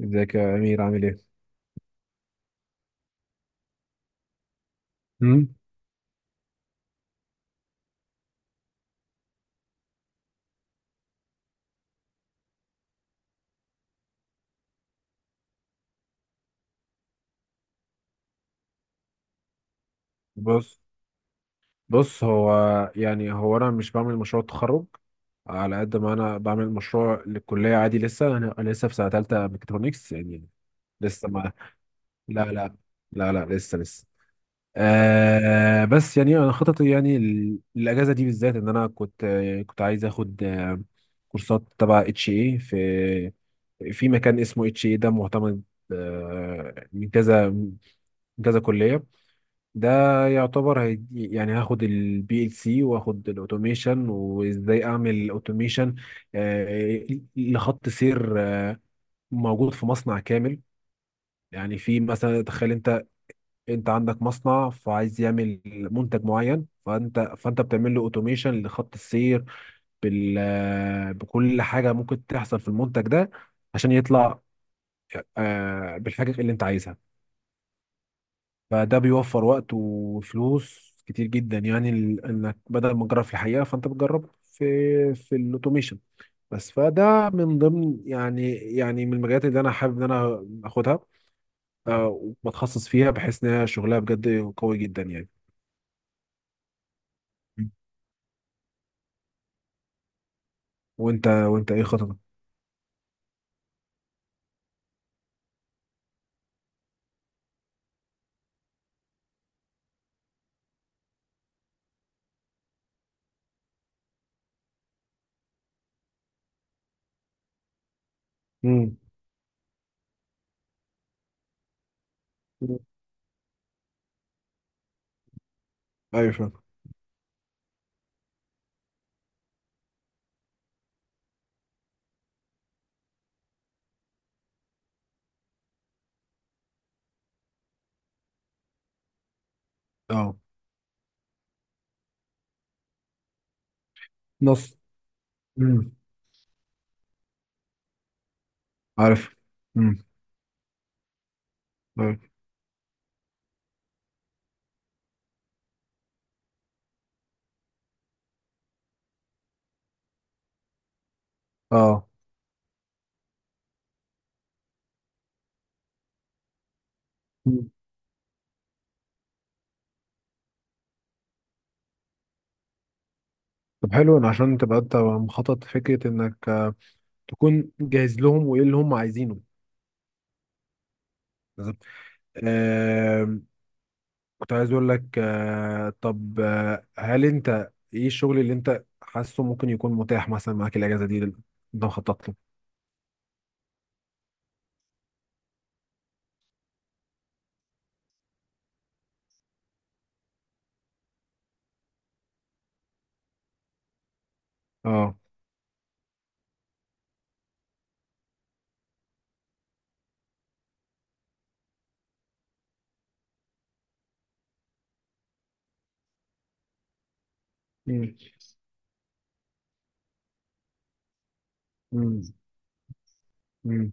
ازيك يا امير، عامل ايه؟ مم. بص بص، هو، يعني هو انا مش بعمل مشروع تخرج. على قد ما انا بعمل مشروع للكليه عادي، لسه انا لسه في سنه ثالثه ميكاترونكس يعني. لسه ما، لا، لا، لا، لا، لسه. بس يعني انا خططي، يعني الاجازه دي بالذات، ان انا كنت، كنت عايز اخد كورسات تبع اتش اي في، في مكان اسمه اتش اي ده معتمد من كذا، من كذا كليه. ده يعتبر، هي يعني هاخد البي ال سي واخد الاوتوميشن، وازاي اعمل اوتوميشن لخط سير موجود في مصنع كامل. يعني، في مثلا، تخيل انت عندك مصنع فعايز يعمل منتج معين، فانت بتعمل له اوتوميشن لخط السير بال آه، بكل حاجه ممكن تحصل في المنتج ده، عشان يطلع بالحاجه اللي انت عايزها. فده بيوفر وقت وفلوس كتير جدا، يعني انك بدل ما تجرب في الحقيقه، فانت بتجرب في الاوتوميشن بس. فده من ضمن، يعني، من المجالات اللي انا حابب ان انا اخدها، آه، وبتخصص فيها، بحيث ان هي شغلها بجد قوي جدا يعني. م. وانت، ايه خططك؟ امم. ايوه، فاهم. اه. نص. امم. عارف. امم. أيوة. اه. مم. طب حلو، إن عشان تبقى انت مخطط، فكره انك تكون جاهز لهم وايه اللي هم عايزينه. آم، كنت عايز اقول لك، طب، هل انت ايه الشغل اللي انت حاسه ممكن يكون متاح مثلا معاك الاجازه دي، اللي انت مخطط له؟ اه. مم. مم. مم.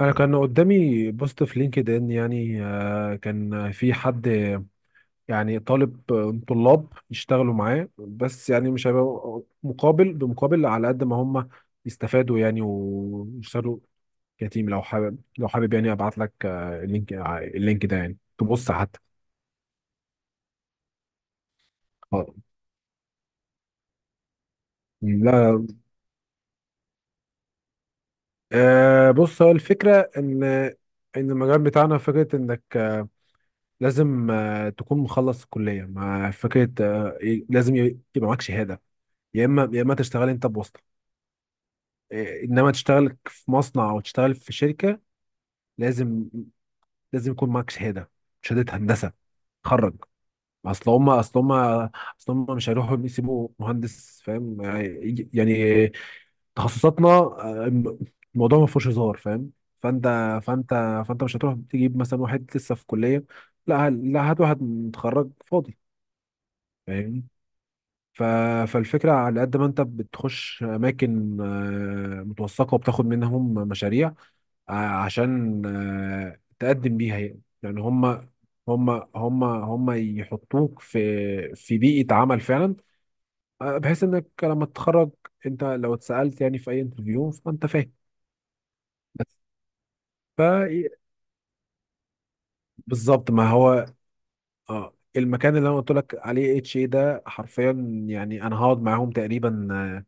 انا كان قدامي بوست في لينكد ان، يعني كان في حد يعني طالب آه، طلاب يشتغلوا معاه، بس يعني مش هيبقى مقابل بمقابل، على قد ما هم يستفادوا يعني ويشتغلوا. كتيم، لو حابب يعني ابعت لك، اللينك ده، يعني تبص حتى. آه. لا. بص، هو الفكره ان المجال بتاعنا، فكره انك لازم تكون مخلص الكليه، مع فكره لازم يبقى معاك شهاده، يا اما تشتغل انت بواسطه، انما تشتغل في مصنع او تشتغل في شركه. لازم لازم يكون معاك شهاده، شهاده هندسه تخرج. اصل هم مش هيروحوا يسيبوا مهندس، فاهم، يعني تخصصاتنا، الموضوع ما فيهوش هزار، فاهم. فانت فانت فانت مش هتروح تجيب مثلا واحد لسه في كليه. لا، لا، هات واحد متخرج فاضي، فاهمني. ف... فالفكره، على قد ما انت بتخش اماكن متوثقه وبتاخد منهم مشاريع، عشان تقدم بيها، يعني هم هم يحطوك في بيئه عمل فعلا، بحيث انك لما تتخرج انت، لو اتسالت يعني في اي انترفيو، فانت فاهم. ف بالظبط، ما هو. اه المكان اللي انا قلت لك عليه اتش اي ده، حرفيا يعني انا هقعد معاهم تقريبا آه،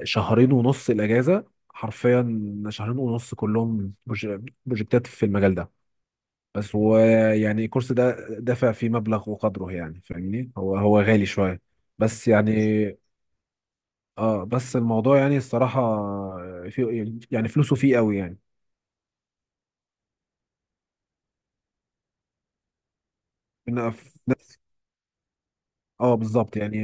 آه، شهرين ونص الاجازه، حرفيا شهرين ونص، كلهم بروجكتات في المجال ده بس. ويعني الكورس ده دفع فيه مبلغ وقدره، يعني فاهمني، هو غالي شويه بس يعني. اه بس الموضوع، يعني الصراحه، في يعني فلوسه فيه قوي يعني. إن في اه، بالظبط يعني،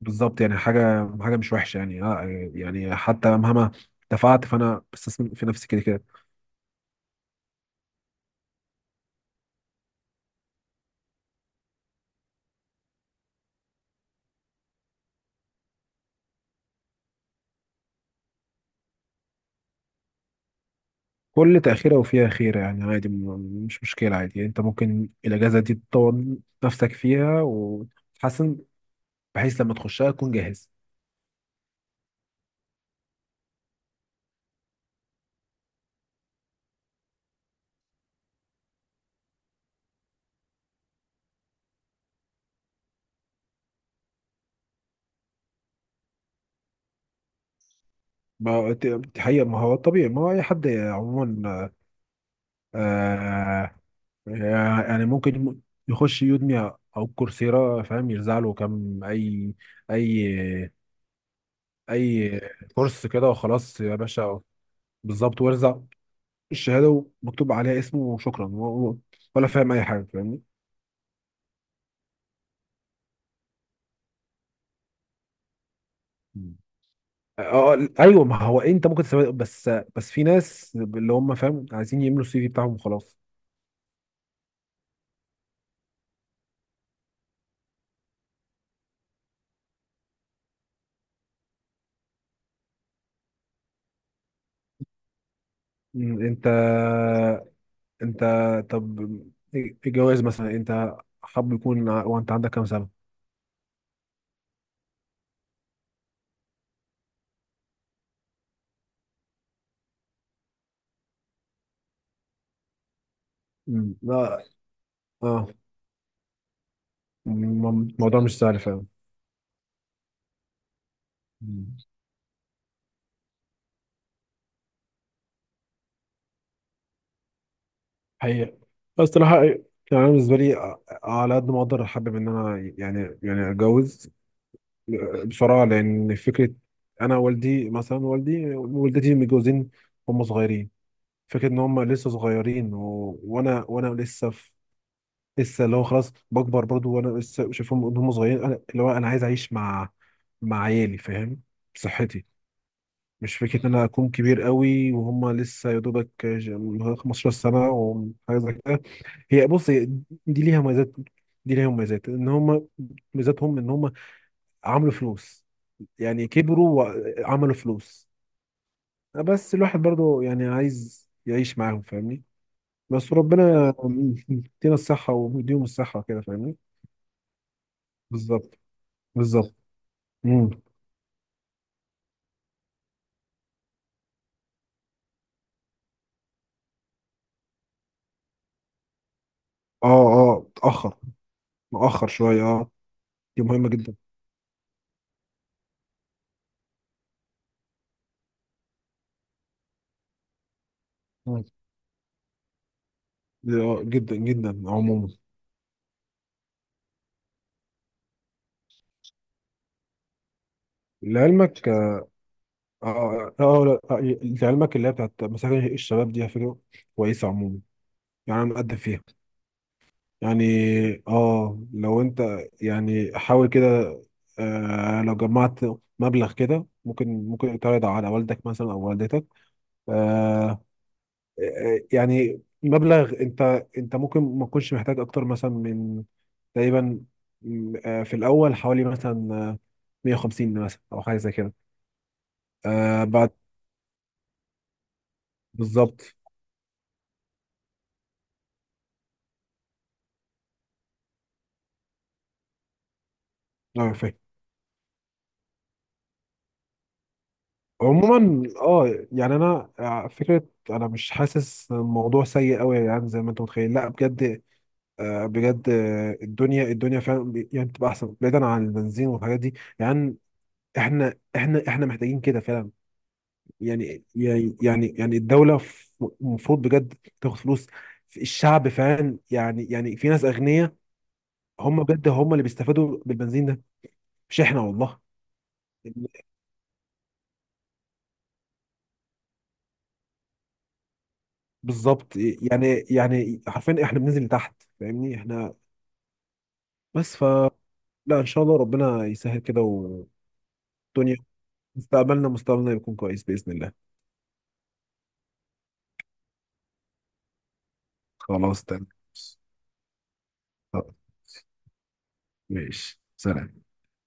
بالظبط يعني حاجه حاجه مش وحشه يعني، اه، يعني حتى مهما دفعت، فانا بستثمر في نفسي كده كده. كل تاخيره وفيها خيره، يعني عادي، مش مشكله، عادي يعني، انت ممكن الاجازه دي تطور نفسك فيها وتحسن، بحيث لما تخشها تكون جاهز. ما ت- حقيقة، ما هو الطبيعي، ما هو اي حد عموما آه يعني ممكن يخش يودمي او كورسيرا، فاهم، يرزع له كام اي، اي اي كورس كده وخلاص، يا باشا. بالظبط، وارزع الشهاده ومكتوب عليها اسمه وشكرا، ولا فاهم اي حاجه، فاهمني. مم. اه. ايوه، ما هو انت ممكن تسوي بس. في ناس اللي هم، فاهم، عايزين يملوا السي في بتاعهم وخلاص. انت، انت طب الجواز مثلا، انت حب يكون وانت عندك كام سنه؟ لا. اه. الموضوع مش سهل فاهم. مم. حقيقة، بس صراحة يعني، أنا بالنسبة لي، على قد ما أقدر أحبب إن أنا، يعني أتجوز بصراحة، لأن فكرة أنا والدي، مثلا والدي والدتي، متجوزين هم صغيرين. فكرة إن هم لسه صغيرين، وأنا لسه لسه، اللي هو خلاص بكبر برضو، وأنا لسه شايفهم إن هم صغيرين، أنا اللي هو أنا عايز أعيش مع عيالي، فاهم، بصحتي. مش فكرة إن أنا أكون كبير قوي وهم لسه، يا دوبك 15 سنة وحاجة زي كده. هي بص، هي دي ليها مميزات، دي ليها مميزات إن هم، ميزاتهم إن هم عملوا فلوس، يعني كبروا وعملوا فلوس. بس الواحد برضو يعني عايز يعيش معاهم، فاهمني. بس ربنا يدينا الصحة ويديهم الصحة كده، فاهمني. بالظبط. بالظبط. مم. اه. اه. اتأخر، مؤخر شوية اه. دي مهمة جدا. مم. دي اه جدا جدا عموما. لعلمك. اه. اه. لا، لعلمك اللي هي بتاعت مساجد الشباب دي، على فكرة كويسة عموما، يعني أنا مقدم فيها، يعني. اه، لو انت، يعني حاول كده، لو جمعت مبلغ كده، ممكن تعرض على والدك مثلا او والدتك. آه يعني مبلغ، انت، ممكن ما تكونش محتاج اكتر مثلا من، تقريبا، م، آه، في الاول حوالي مثلا 150 مثلا او حاجه زي كده. بعد بالظبط، اه، فاهم. عموما، اه، يعني انا فكره انا مش حاسس الموضوع سيء قوي يعني، زي ما انت متخيل، لا بجد. بجد الدنيا فعلا يعني بتبقى احسن، بعيدا عن البنزين والحاجات دي يعني. احنا محتاجين كده فعلا يعني الدوله المفروض بجد تاخد فلوس في الشعب فعلا، يعني في ناس اغنياء، هم بجد، هم اللي بيستفادوا بالبنزين ده، مش احنا والله. بالظبط يعني، حرفيا احنا بننزل لتحت، فاهمني. احنا بس، لا ان شاء الله، ربنا يسهل كده، والدنيا مستقبلنا يكون كويس باذن الله. خلاص تمام. آه، ماشي، سلام.